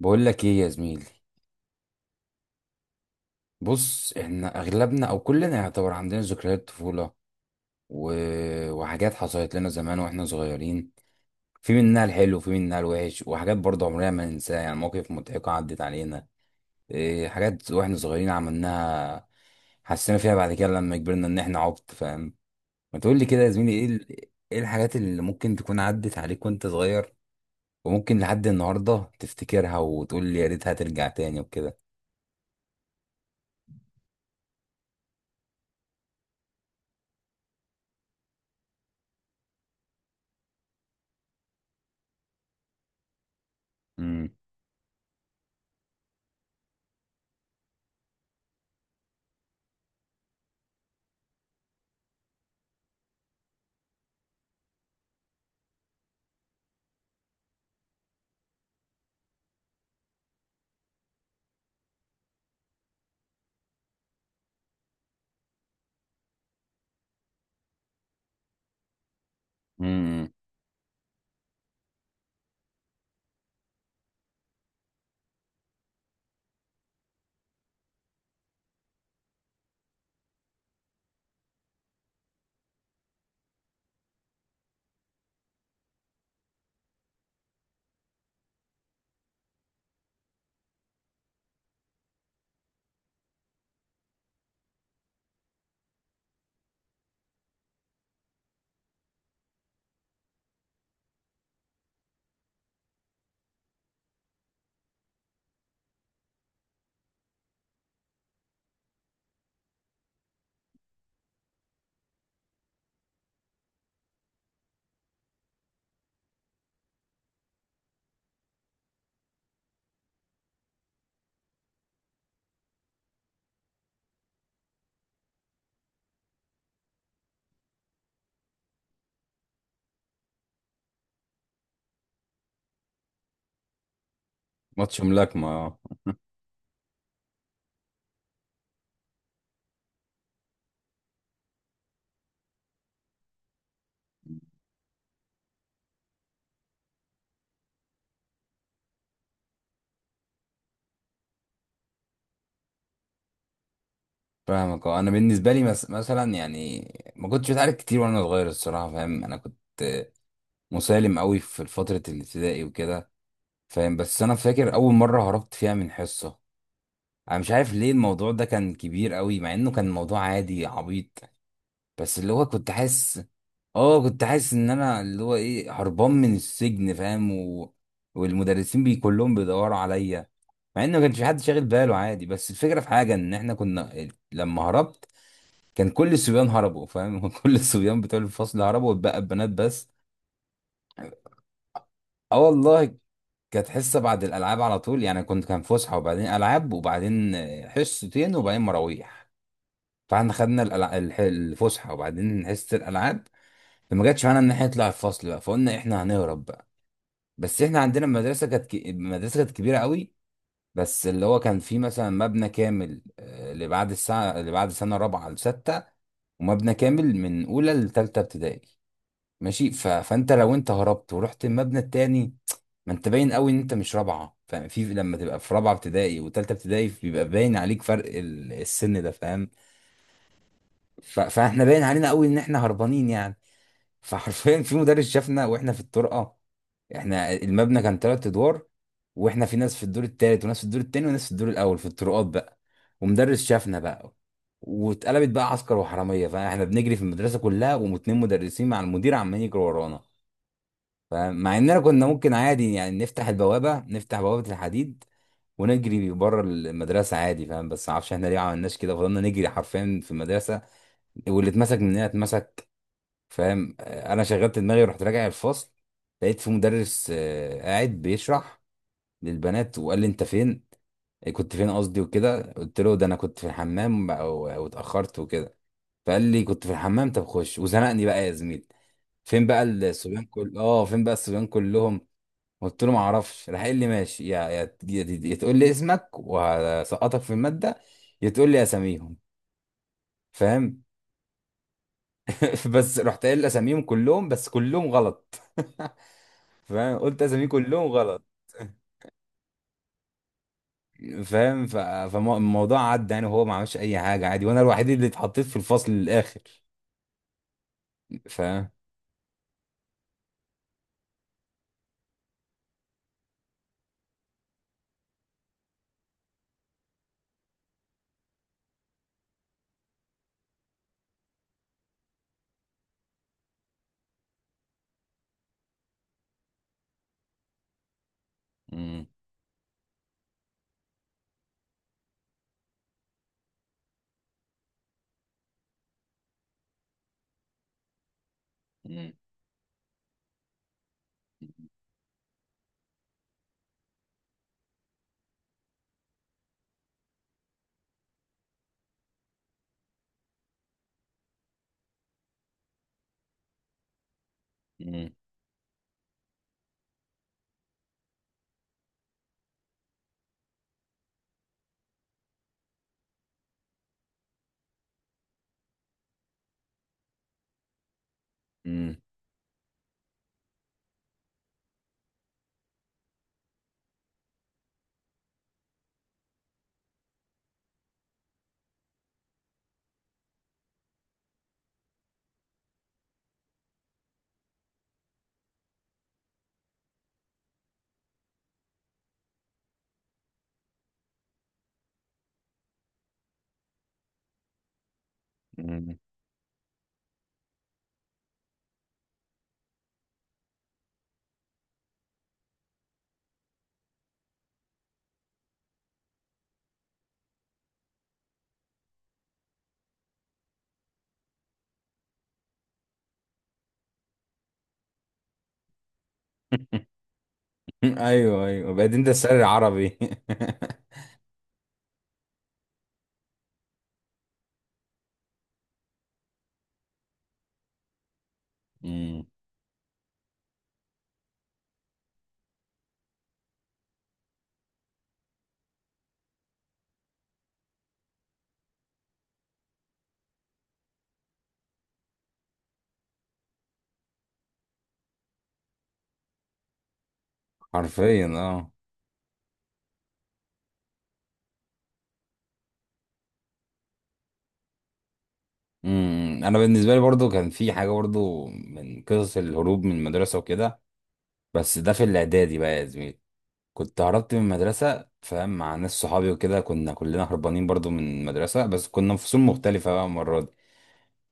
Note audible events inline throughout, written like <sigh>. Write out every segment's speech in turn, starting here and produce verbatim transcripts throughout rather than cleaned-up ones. بقول لك ايه يا زميلي. بص، احنا اغلبنا او كلنا يعتبر عندنا ذكريات طفولة، و... وحاجات حصلت لنا زمان واحنا صغيرين، في منها الحلو وفي منها الوحش، وحاجات برضه عمرنا ما ننساها، يعني مواقف مضحكة عدت علينا. إيه حاجات واحنا صغيرين عملناها، حسينا فيها بعد كده لما كبرنا ان احنا عبط، فاهم. ما تقول لي كده يا زميلي، ايه ال... ايه الحاجات اللي ممكن تكون عدت عليك وانت صغير، وممكن لحد النهاردة تفتكرها وتقول لي يا ريتها ترجع تاني وكده. امم. ماتش ملاكمة، اه. فاهمك، اه. انا بالنسبة لي مس... مثلا يعني، ما كنتش بتعارك كتير وانا صغير الصراحة، فاهم. انا كنت مسالم قوي في فترة الابتدائي وكده، فاهم. بس انا فاكر اول مرة هربت فيها من حصة، انا مش عارف ليه الموضوع ده كان كبير قوي، مع انه كان موضوع عادي عبيط، بس اللي هو كنت حاسس، اه كنت حاسس ان انا اللي هو ايه هربان من السجن، فاهم، و... والمدرسين بي كلهم بيدوروا عليا. مع ان ما كانش في حد شاغل باله عادي، بس الفكره في حاجه ان احنا كنا لما هربت كان كل الصبيان هربوا، فاهم. <laughs> كل الصبيان بتوع الفصل هربوا واتبقى البنات بس. اه والله. كانت حصه بعد الالعاب على طول، يعني كنت كان فسحه وبعدين العاب وبعدين آه، حصتين وبعدين مراويح. فاحنا خدنا الألع- الح- الفسحه وبعدين حصه الالعاب. فما جاتش معانا ان احنا نطلع الفصل بقى، فقلنا احنا هنهرب بقى. بس احنا عندنا المدرسه كانت ك- المدرسه كانت كبيره قوي. بس اللي هو كان فيه مثلا مبنى كامل، آه، اللي بعد الساعه، اللي بعد سنه رابعه لسته، ومبنى كامل من اولى لثالثه ابتدائي، ماشي. ف... فانت لو انت هربت ورحت المبنى التاني، ما انت باين قوي ان انت مش رابعه، فاهم. في لما تبقى في رابعه ابتدائي وتالته ابتدائي بيبقى باين عليك فرق ال- السن ده، فاهم. ف... فاحنا باين علينا قوي ان احنا هربانين يعني. <laughs> فحرفيا في مدرس شافنا واحنا في الطرقه. احنا المبنى كان تلات ادوار، واحنا في ناس في الدور التالت وناس في الدور التاني وناس في الدور الاول في الطرقات بقى. ومدرس شافنا بقى. واتقلبت بقى عسكر وحراميه، فاحنا بنجري في المدرسه كلها واتنين مدرسين مع المدير عمالين يجروا ورانا. فمع اننا كنا ممكن عادي يعني نفتح البوابه، نفتح بوابه الحديد ونجري بره المدرسه عادي، فاهم، بس ما اعرفش احنا ليه ما عملناش كده، فضلنا نجري حرفيا في المدرسه، واللي اتمسك مننا اتمسك. فاهم. آه، انا شغلت دماغي ورحت راجع الفصل. لقيت في مدرس آه، قاعد بيشرح للبنات، وقال لي انت فين، إيه كنت فين قصدي وكده. قلت له ده انا كنت في الحمام بقى و- واتاخرت وكده. فقال لي كنت في الحمام؟ طب خش وزنقني بقى يا زميل، فين بقى الصبيان كل اه فين بقى الصبيان كلهم. قلت له ما اعرفش، راح قال لي ماشي، يا يا يا يا تقول لي اسمك وهسقطك في الماده، يا تقول لي اساميهم. فاهم. <laughs> بس رحت قايل اساميهم كلهم، بس كلهم غلط. <laughs> فاهم، قلت اساميه كلهم غلط. فاهم. ف- فالموضوع عدى يعني، وهو ما عملش اي حاجه عادي، وانا الوحيد اللي اتحطيت في الفصل للاخر. فاهم. مم. مم. مم. مم. مم. <laughs> ايوه ايوه بقيت انت السر العربي. <laughs> مم. حرفيا اه. امم انا بالنسبه لي برضو كان في حاجه برضو من قصص الهروب من المدرسه وكده، بس ده في الاعدادي بقى يا زميلي. كنت هربت من المدرسه، فاهم، مع ناس صحابي وكده. كنا كلنا هربانين برضو من المدرسه بس كنا في فصول مختلفه بقى المره دي،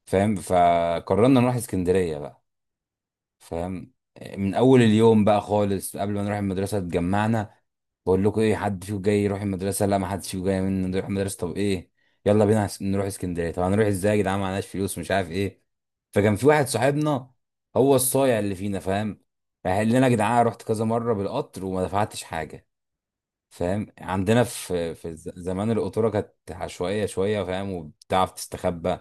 فاهم. فقررنا نروح اسكندريه بقى، فاهم. من اول اليوم بقى خالص قبل ما نروح المدرسه اتجمعنا. بقول لكم ايه، حد فيكم جاي يروح المدرسه؟ لا، ما حدش فيكم جاي من نروح المدرسه. طب ايه، يلا بينا هس- نروح اسكندريه. طب هنروح ازاي يا جدعان، معناش فلوس، مش عارف ايه. فكان في واحد صاحبنا هو الصايع اللي فينا، فاهم. راح قال لنا يا جدعان رحت كذا مره بالقطر وما دفعتش حاجه، فاهم. عندنا في في الز- زمان القطوره كانت عشوائيه شويه، فاهم، وبتعرف تستخبى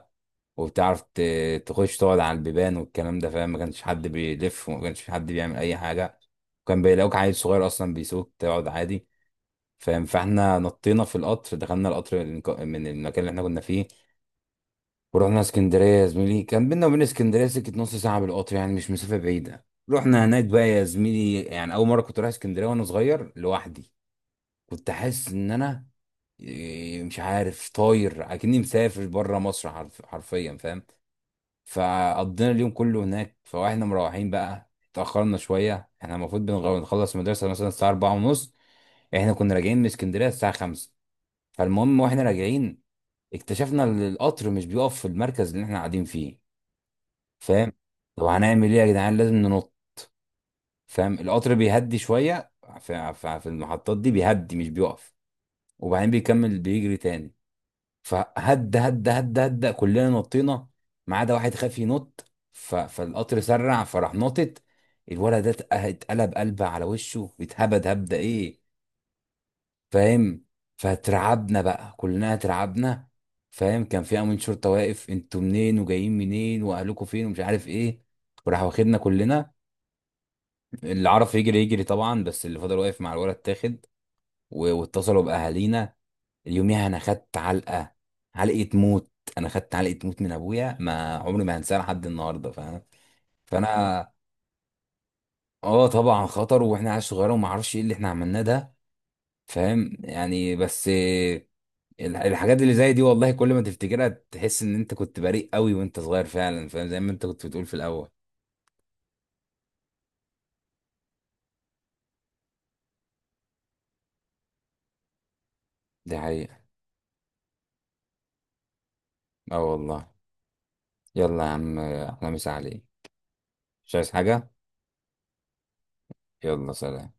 وبتعرف ت- تخش تقعد على البيبان والكلام ده، فاهم. ما كانش حد بيلف وما كانش حد بيعمل اي حاجه، وكان بيلاقوك عيل صغير اصلا بيسوق تقعد عادي، فاهم. فاحنا نطينا في القطر، دخلنا القطر من الك- من المكان اللي احنا كنا فيه، ورحنا اسكندريه يا زميلي. كان بينا وبين اسكندريه سكه نص ساعه بالقطر يعني، مش مسافه بعيده. رحنا هناك بقى يا زميلي، يعني اول مره كنت رايح اسكندريه وانا صغير لوحدي. كنت حاسس ان انا إيه، مش عارف، طاير اكني مسافر بره مصر، حرف حرفيا، فاهم. فقضينا اليوم كله هناك. فاحنا مروحين بقى اتاخرنا شويه، احنا المفروض بنغ- بنخلص المدرسه مثلا الساعه أربعة ونص، احنا كنا راجعين من اسكندريه الساعه خمسة. فالمهم واحنا راجعين اكتشفنا ان القطر مش بيقف في المركز اللي احنا قاعدين فيه، فاهم. طب هنعمل ايه يا جدعان، لازم ننط، فاهم. القطر بيهدي شويه في في- في المحطات دي، بيهدي مش بيقف، وبعدين بيكمل بيجري تاني. فهد هد هد هد كلنا نطينا ما عدا واحد خاف ينط. ف... فالقطر سرع فراح نطت، الولد ده اتق- اتقلب قلبه على وشه، اتهبد هبده ايه. فاهم. فترعبنا بقى كلنا اترعبنا، فاهم. كان في امين شرطه واقف، انتوا منين وجايين منين واهلكم فين ومش عارف ايه، وراح واخدنا كلنا. اللي عرف يجري يجري طبعا، بس اللي فضل واقف مع الولد تاخد و- واتصلوا باهالينا. اليوميها انا خدت علقه، علقه موت، انا خدت علقه موت من ابويا ما عمري ما هنساها لحد النهارده، فاهم. فانا اه طبعا خطر واحنا عيال صغيره وما اعرفش ايه اللي احنا عملناه ده، فاهم يعني. بس إيه، ال- الحاجات اللي زي دي والله كل ما تفتكرها تحس ان انت كنت بريء قوي وانت صغير فعلا، فاهم، زي ما انت كنت بتقول في الاول. دي حقيقه. اه والله. يلا يا عم احنا مسا عليك، مش عايز حاجه. يلا سلام.